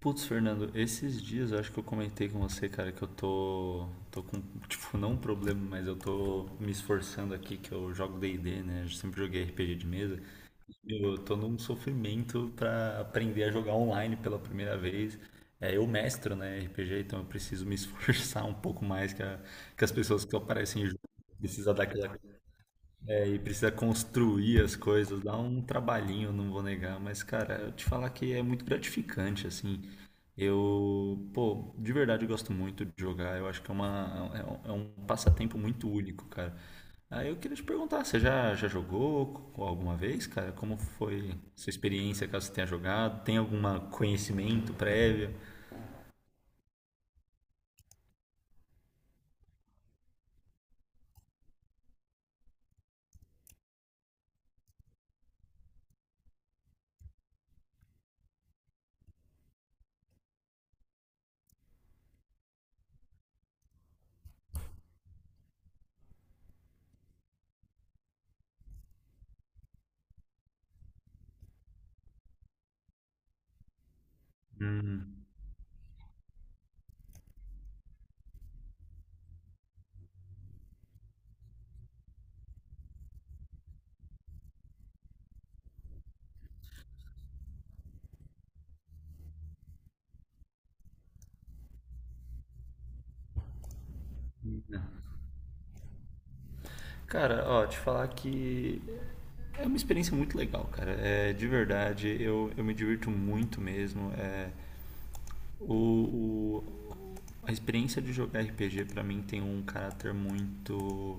Putz, Fernando, esses dias eu acho que eu comentei com você, cara, que eu tô com, tipo, não um problema, mas eu tô me esforçando aqui, que eu jogo D&D, né? Eu sempre joguei RPG de mesa. Eu tô num sofrimento pra aprender a jogar online pela primeira vez. É, eu mestro, né, RPG, então eu preciso me esforçar um pouco mais que as pessoas que aparecem junto. Precisa dar aquela é, e precisa construir as coisas, dá um trabalhinho, não vou negar, mas cara, eu te falar que é muito gratificante, assim. Eu, pô, de verdade eu gosto muito de jogar, eu acho que é um passatempo muito único, cara. Aí eu queria te perguntar, você já jogou alguma vez, cara? Como foi sua experiência, caso você tenha jogado? Tem algum conhecimento prévio? Cara, ó, te falar que é uma experiência muito legal, cara. É, de verdade, eu me divirto muito mesmo. O, o- a experiência de jogar RPG pra mim tem um caráter muito.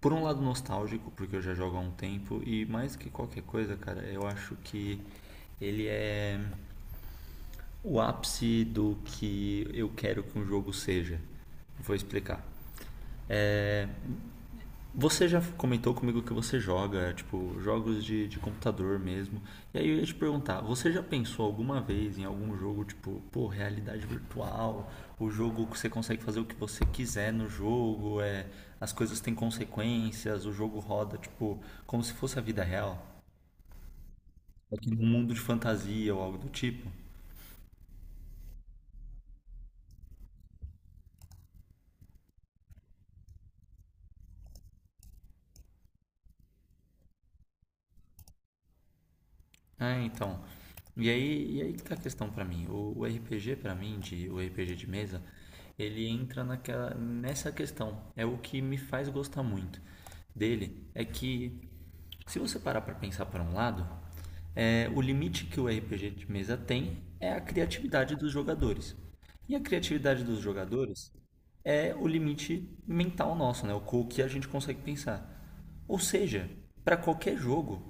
Por um lado, nostálgico, porque eu já jogo há um tempo, e mais que qualquer coisa, cara, eu acho que ele é o ápice do que eu quero que um jogo seja. Vou explicar. É, você já comentou comigo que você joga, é, tipo, jogos de computador mesmo. E aí eu ia te perguntar, você já pensou alguma vez em algum jogo, tipo, pô, realidade virtual, o jogo que você consegue fazer o que você quiser no jogo, é, as coisas têm consequências, o jogo roda, tipo, como se fosse a vida real? Aqui num mundo de fantasia ou algo do tipo? Ah, então. E aí que tá a questão pra mim. O RPG pra mim, de, o RPG de mesa, ele entra naquela, nessa questão. É o que me faz gostar muito dele. É que, se você parar pra pensar por um lado, é, o limite que o RPG de mesa tem é a criatividade dos jogadores. E a criatividade dos jogadores é o limite mental nosso, né? O que a gente consegue pensar. Ou seja, para qualquer jogo,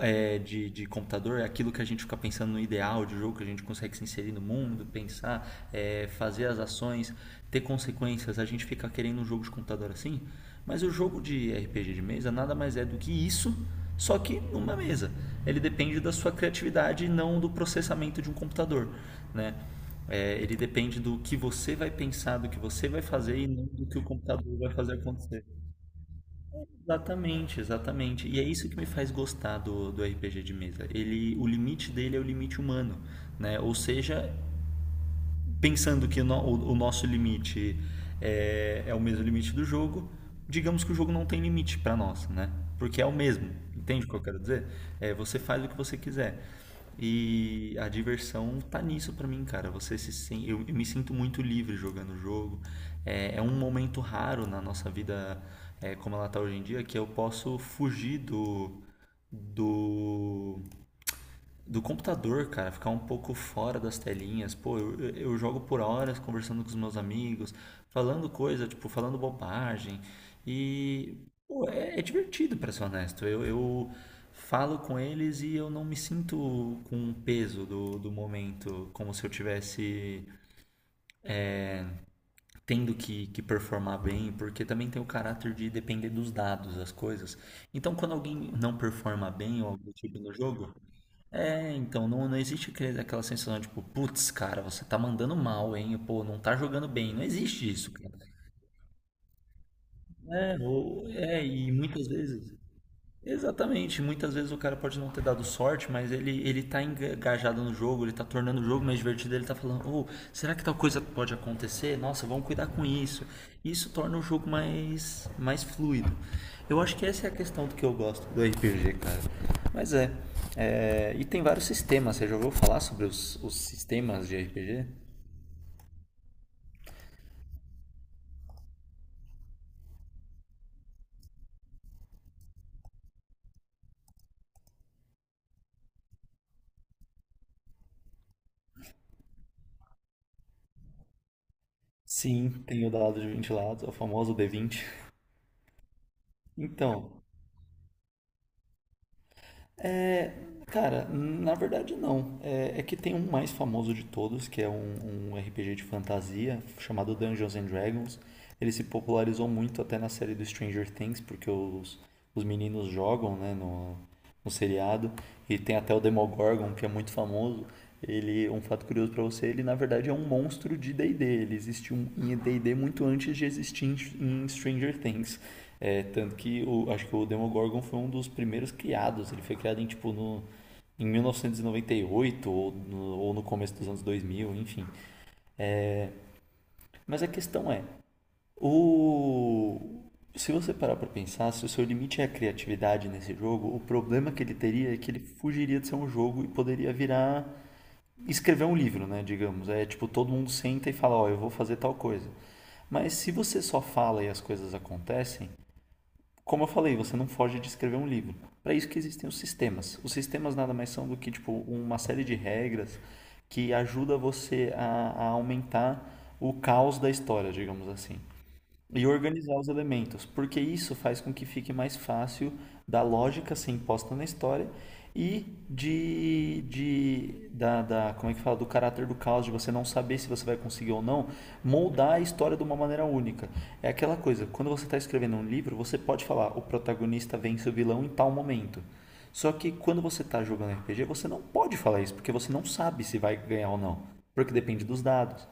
é, de computador é aquilo que a gente fica pensando no ideal de jogo, que a gente consegue se inserir no mundo, pensar, é, fazer as ações, ter consequências. A gente fica querendo um jogo de computador assim, mas o jogo de RPG de mesa nada mais é do que isso, só que numa mesa. Ele depende da sua criatividade e não do processamento de um computador, né? É, ele depende do que você vai pensar, do que você vai fazer e não do que o computador vai fazer acontecer. Exatamente, exatamente. E é isso que me faz gostar do RPG de mesa. Ele, o limite dele é o limite humano, né? Ou seja, pensando que o nosso limite é o mesmo limite do jogo, digamos que o jogo não tem limite para nós, né? Porque é o mesmo. Entende o que eu quero dizer? É, você faz o que você quiser. E a diversão tá nisso para mim, cara. Você se sen- Eu, me sinto muito livre jogando o jogo. É, é um momento raro na nossa vida, é, como ela tá hoje em dia, que eu posso fugir do do computador, cara, ficar um pouco fora das telinhas. Pô, eu jogo por horas conversando com os meus amigos, falando coisa, tipo, falando bobagem. E, pô, é, é divertido, pra ser honesto. Eu falo com eles e eu não me sinto com o peso do momento, como se eu tivesse tendo que performar bem, porque também tem o caráter de depender dos dados, das coisas. Então, quando alguém não performa bem ou algo do tipo no jogo. É, então, não existe aquela sensação tipo, putz, cara, você tá mandando mal, hein? Pô, não tá jogando bem. Não existe isso, cara. É, é, e muitas vezes. Exatamente, muitas vezes o cara pode não ter dado sorte, mas ele tá engajado no jogo, ele tá tornando o jogo mais divertido, ele tá falando, oh, será que tal coisa pode acontecer? Nossa, vamos cuidar com isso. Isso torna o jogo mais fluido. Eu acho que essa é a questão do que eu gosto do RPG, cara. Mas e tem vários sistemas, você já ouviu falar sobre os sistemas de RPG? Sim, tem o dado de vinte lados, o famoso d vinte. Então, é, cara, na verdade não. É, é que tem um mais famoso de todos, que é um RPG de fantasia chamado Dungeons and Dragons. Ele se popularizou muito até na série do Stranger Things, porque os meninos jogam, né, no, um seriado. E tem até o Demogorgon, que é muito famoso. Ele, um fato curioso pra você, ele na verdade é um monstro de D&D. Ele existiu em D&D muito antes de existir em Stranger Things. É, tanto que o, acho que o Demogorgon foi um dos primeiros criados. Ele foi criado em tipo em 1998 ou no começo dos anos 2000, enfim. Mas a questão é, o... Se você parar para pensar, se o seu limite é a criatividade nesse jogo, o problema que ele teria é que ele fugiria de ser um jogo e poderia virar escrever um livro, né? Digamos. É tipo, todo mundo senta e fala: ó, eu vou fazer tal coisa. Mas se você só fala e as coisas acontecem, como eu falei, você não foge de escrever um livro. Para isso que existem os sistemas. Os sistemas nada mais são do que tipo uma série de regras que ajuda você a aumentar o caos da história, digamos assim. E organizar os elementos, porque isso faz com que fique mais fácil da lógica ser imposta na história e de como é que fala, do caráter do caos, de você não saber se você vai conseguir ou não, moldar a história de uma maneira única. É aquela coisa, quando você está escrevendo um livro, você pode falar, o protagonista vence o vilão em tal momento. Só que quando você está jogando RPG, você não pode falar isso, porque você não sabe se vai ganhar ou não, porque depende dos dados.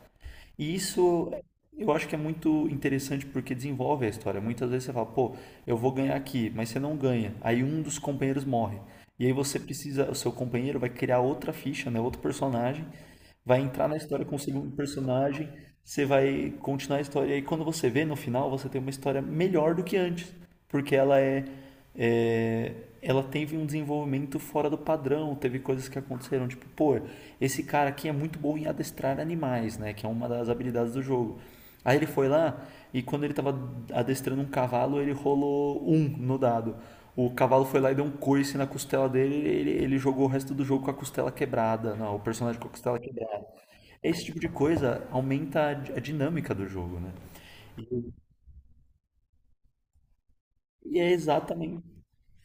E isso eu acho que é muito interessante porque desenvolve a história. Muitas vezes você fala, pô, eu vou ganhar aqui, mas você não ganha. Aí um dos companheiros morre. E aí você precisa, o seu companheiro vai criar outra ficha, né, outro personagem, vai entrar na história com o segundo personagem, você vai continuar a história. E aí quando você vê no final, você tem uma história melhor do que antes, porque é, ela teve um desenvolvimento fora do padrão, teve coisas que aconteceram, tipo, pô, esse cara aqui é muito bom em adestrar animais, né, que é uma das habilidades do jogo. Aí ele foi lá e quando ele estava adestrando um cavalo, ele rolou um no dado. O cavalo foi lá e deu um coice na costela dele, ele jogou o resto do jogo com a costela quebrada, não, o personagem com a costela quebrada. Esse tipo de coisa aumenta a a dinâmica do jogo, né? E e é exatamente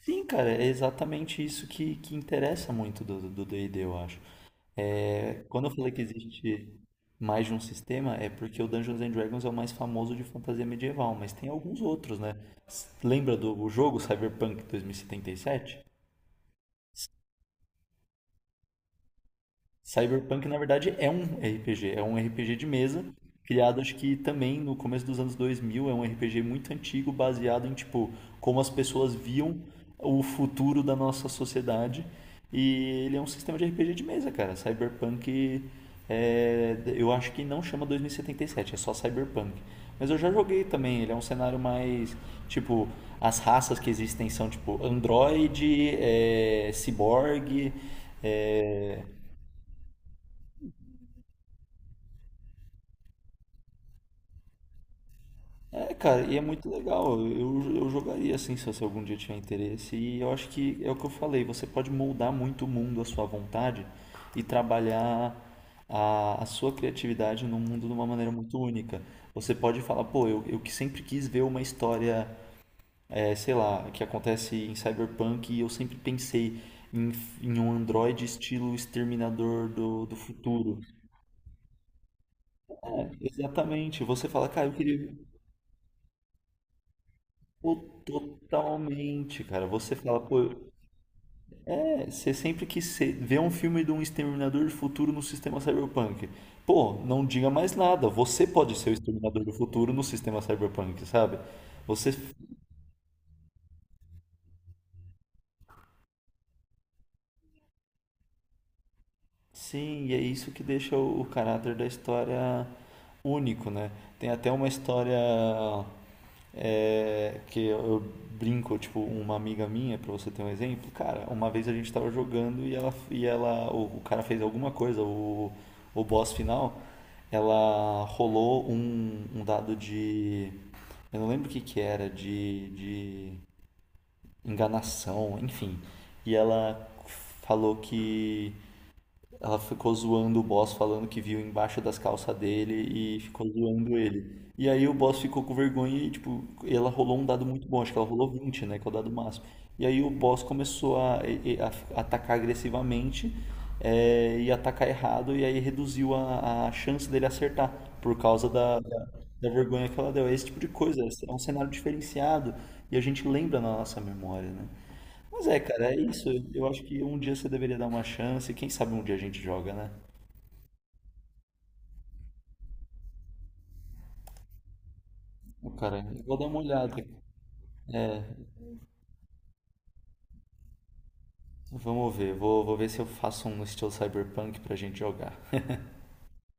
Sim, cara, é exatamente isso que interessa muito do D&D, eu acho. É, quando eu falei que existe mais de um sistema, é porque o Dungeons and Dragons é o mais famoso de fantasia medieval, mas tem alguns outros, né? Lembra do o jogo Cyberpunk 2077? Cyberpunk, na verdade, é um RPG de mesa, criado acho que também no começo dos anos 2000, é um RPG muito antigo, baseado em tipo como as pessoas viam o futuro da nossa sociedade. E ele é um sistema de RPG de mesa, cara. Cyberpunk é, eu acho que não chama 2077, é só Cyberpunk. Mas eu já joguei também, ele é um cenário mais. Tipo, as raças que existem são tipo Android, é, Cyborg, é, é, cara, e é muito legal. Eu jogaria assim se você algum dia tiver interesse. E eu acho que é o que eu falei, você pode moldar muito o mundo à sua vontade e trabalhar a sua criatividade no mundo de uma maneira muito única. Você pode falar, pô, eu que sempre quis ver uma história, é, sei lá, que acontece em Cyberpunk e eu sempre pensei em, em um androide estilo Exterminador do futuro. É, exatamente. Você fala, cara, eu queria. Pô, totalmente, cara. Você fala, pô, é, você sempre que cê vê um filme de um exterminador do futuro no sistema cyberpunk. Pô, não diga mais nada. Você pode ser o exterminador do futuro no sistema cyberpunk, sabe? Você sim, e é isso que deixa o caráter da história único, né? Tem até uma história é, que eu brinco, tipo, uma amiga minha, pra você ter um exemplo, cara, uma vez a gente tava jogando e ela o cara fez alguma coisa, o boss final, ela rolou um dado eu não lembro o que que era, de enganação, enfim, e ela falou que ela ficou zoando o boss, falando que viu embaixo das calças dele e ficou zoando ele. E aí o boss ficou com vergonha e, tipo, ela rolou um dado muito bom, acho que ela rolou 20 né, que é o dado máximo. E aí o boss começou a, atacar agressivamente é, e atacar errado, e aí reduziu a chance dele acertar por causa da vergonha que ela deu. É esse tipo de coisa, é um cenário diferenciado e a gente lembra na nossa memória, né? Mas é, cara, é isso. Eu acho que um dia você deveria dar uma chance. Quem sabe um dia a gente joga, né? Ô, cara, eu vou dar uma olhada. Vamos ver. Vou ver se eu faço um no estilo Cyberpunk pra gente jogar.